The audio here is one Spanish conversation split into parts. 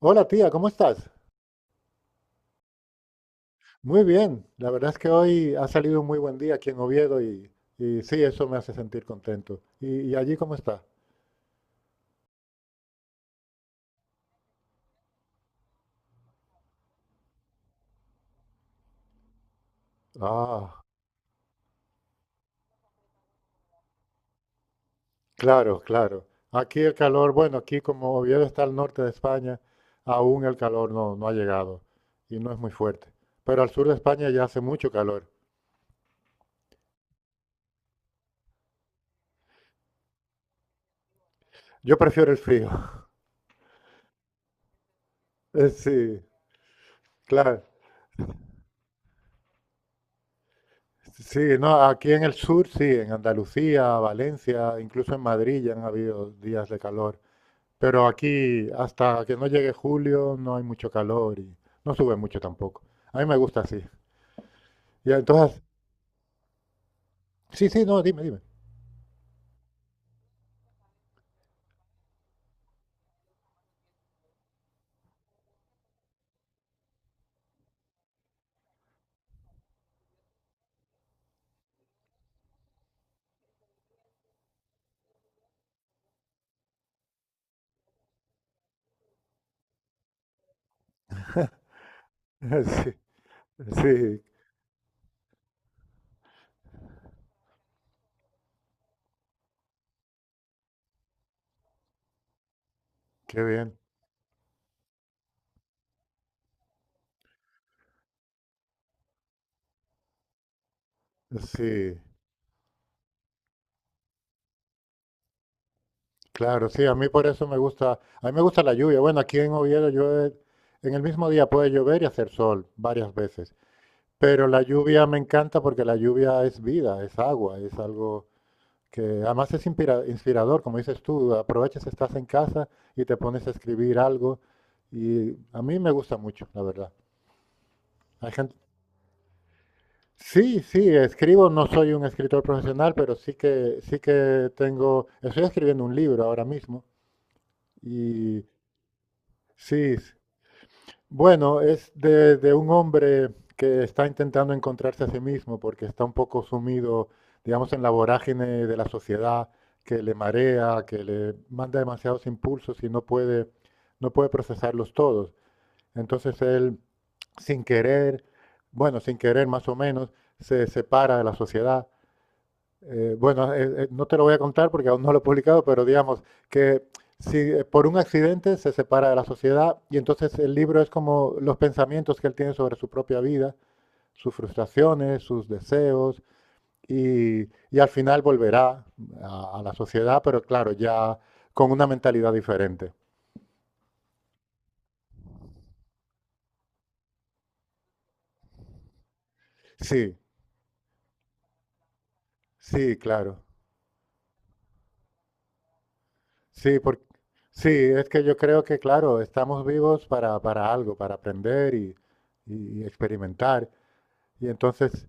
Hola tía, ¿cómo estás? Muy bien, la verdad es que hoy ha salido un muy buen día aquí en Oviedo y sí, eso me hace sentir contento. ¿Y allí cómo está? Ah, claro, claro. Aquí el calor, bueno, aquí como Oviedo está al norte de España, aún el calor no ha llegado y no es muy fuerte. Pero al sur de España ya hace mucho calor. Yo prefiero el frío. Sí, claro. Sí, no, aquí en el sur sí, en Andalucía, Valencia, incluso en Madrid ya han habido días de calor. Pero aquí, hasta que no llegue julio, no hay mucho calor y no sube mucho tampoco. A mí me gusta así. Y entonces, sí, sí, no, dime, dime. Sí, sí, qué bien. Sí, claro, sí, a mí por eso me gusta, a mí me gusta la lluvia. Bueno, aquí en Oviedo llueve, en el mismo día puede llover y hacer sol varias veces. Pero la lluvia me encanta porque la lluvia es vida, es agua, es algo que además es inspirador, como dices tú, aprovechas, estás en casa y te pones a escribir algo y a mí me gusta mucho, la verdad. Hay gente, sí, sí, escribo, no soy un escritor profesional, pero sí que tengo, estoy escribiendo un libro ahora mismo y sí, bueno, es de un hombre que está intentando encontrarse a sí mismo porque está un poco sumido, digamos, en la vorágine de la sociedad que le marea, que le manda demasiados impulsos y no puede procesarlos todos. Entonces él, sin querer, bueno, sin querer más o menos, se separa de la sociedad. Bueno, no te lo voy a contar porque aún no lo he publicado, pero digamos que si por un accidente se separa de la sociedad, y entonces el libro es como los pensamientos que él tiene sobre su propia vida, sus frustraciones, sus deseos y, y al final volverá a la sociedad, pero claro, ya con una mentalidad diferente. Sí, sí, claro. Sí, sí, es que yo creo que, claro, estamos vivos para algo, para aprender y experimentar. Y entonces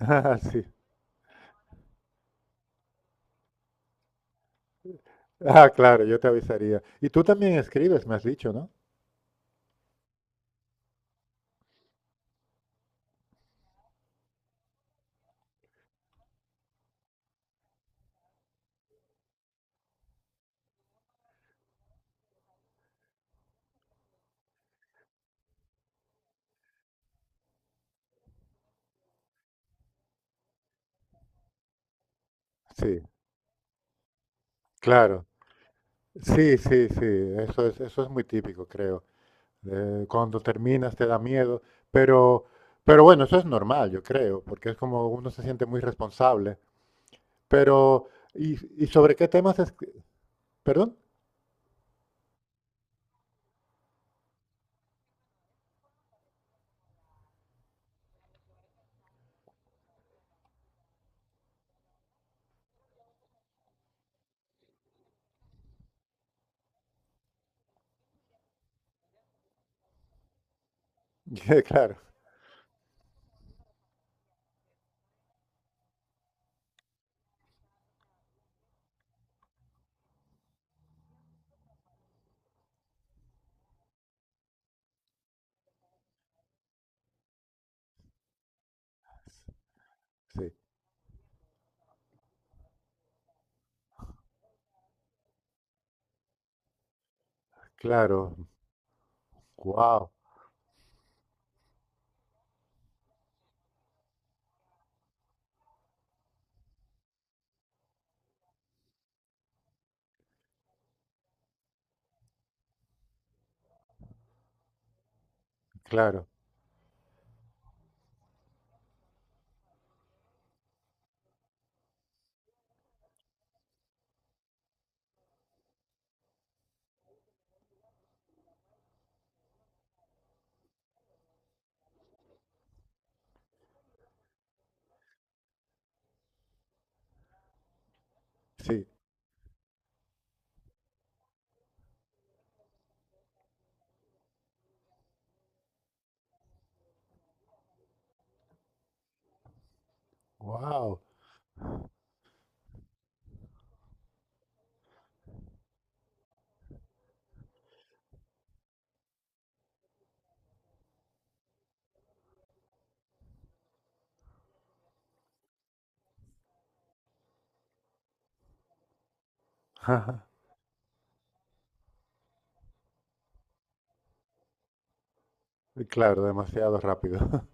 ah, sí. Ah, claro, yo te avisaría. Y tú también escribes, me has dicho, ¿no? Sí, claro. Sí, sí, sí. Eso es muy típico, creo. Cuando terminas te da miedo, pero, pero bueno, eso es normal, yo creo, porque es como uno se siente muy responsable. Pero, y sobre qué temas es? ¿Perdón? Ya, claro, sí, claro. Wow, claro, sí, wow. Claro, demasiado rápido.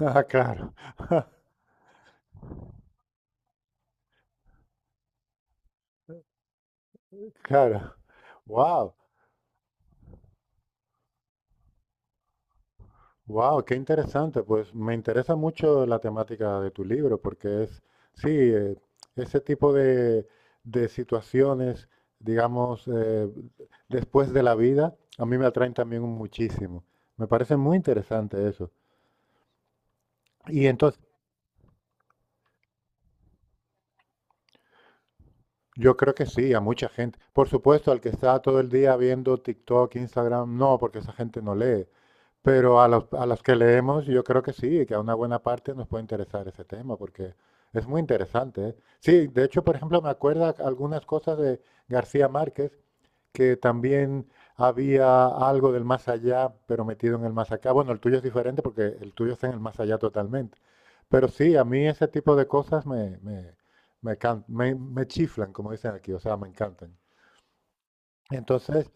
Ah, claro. Claro. Wow, wow, qué interesante. Pues me interesa mucho la temática de tu libro, porque es, sí, ese tipo de situaciones, digamos, después de la vida, a mí me atraen también muchísimo. Me parece muy interesante eso. Y entonces, yo creo que sí, a mucha gente. Por supuesto, al que está todo el día viendo TikTok, Instagram, no, porque esa gente no lee. Pero a las que leemos, yo creo que sí, que a una buena parte nos puede interesar ese tema, porque es muy interesante, ¿eh? Sí, de hecho, por ejemplo, me acuerda algunas cosas de García Márquez, que también había algo del más allá, pero metido en el más acá. Bueno, el tuyo es diferente porque el tuyo está en el más allá totalmente. Pero sí, a mí ese tipo de cosas me chiflan, como dicen aquí, o sea, me encantan. Entonces,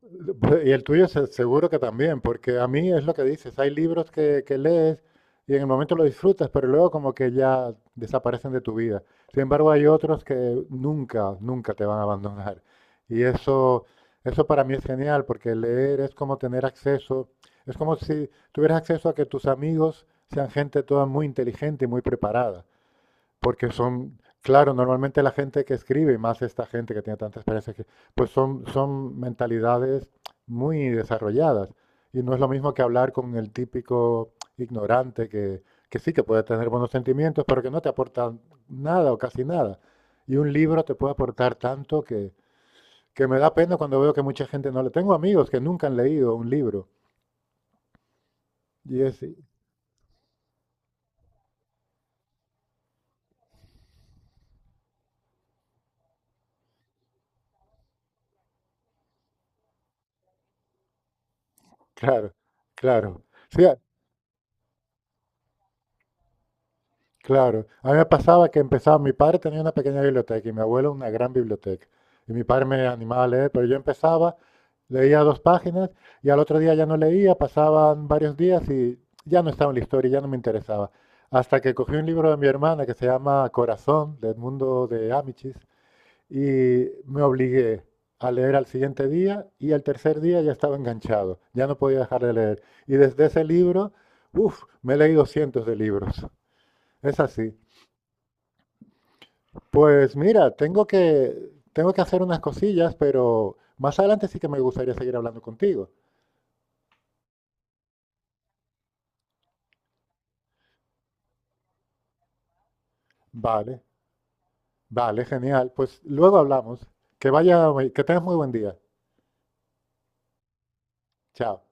y el seguro que también, porque a mí es lo que dices, hay libros que lees y en el momento lo disfrutas, pero luego como que ya desaparecen de tu vida. Sin embargo, hay otros que nunca, nunca te van a abandonar. Y eso para mí es genial, porque leer es como tener acceso, es como si tuvieras acceso a que tus amigos sean gente toda muy inteligente y muy preparada porque son, claro, normalmente la gente que escribe, y más esta gente que tiene tanta experiencia, pues son, son mentalidades muy desarrolladas. Y no es lo mismo que hablar con el típico ignorante que sí que puede tener buenos sentimientos, pero que no te aporta nada o casi nada. Y un libro te puede aportar tanto que me da pena cuando veo que mucha gente no le... Tengo amigos que nunca han leído un libro. Y es, claro, claro. Sí, claro, a mí me pasaba que empezaba, mi padre tenía una pequeña biblioteca y mi abuelo una gran biblioteca. Y mi padre me animaba a leer, pero yo empezaba, leía dos páginas y al otro día ya no leía, pasaban varios días y ya no estaba en la historia, ya no me interesaba. Hasta que cogí un libro de mi hermana que se llama Corazón, de Edmundo de Amichis, y me obligué a leer al siguiente día y al tercer día ya estaba enganchado, ya no podía dejar de leer. Y desde ese libro, uff, me he leído cientos de libros. Es así. Pues mira, tengo que hacer unas cosillas, pero más adelante sí que me gustaría seguir hablando contigo. Vale, vale, genial. Pues luego hablamos. Que vaya, que tengas muy buen día. Chao.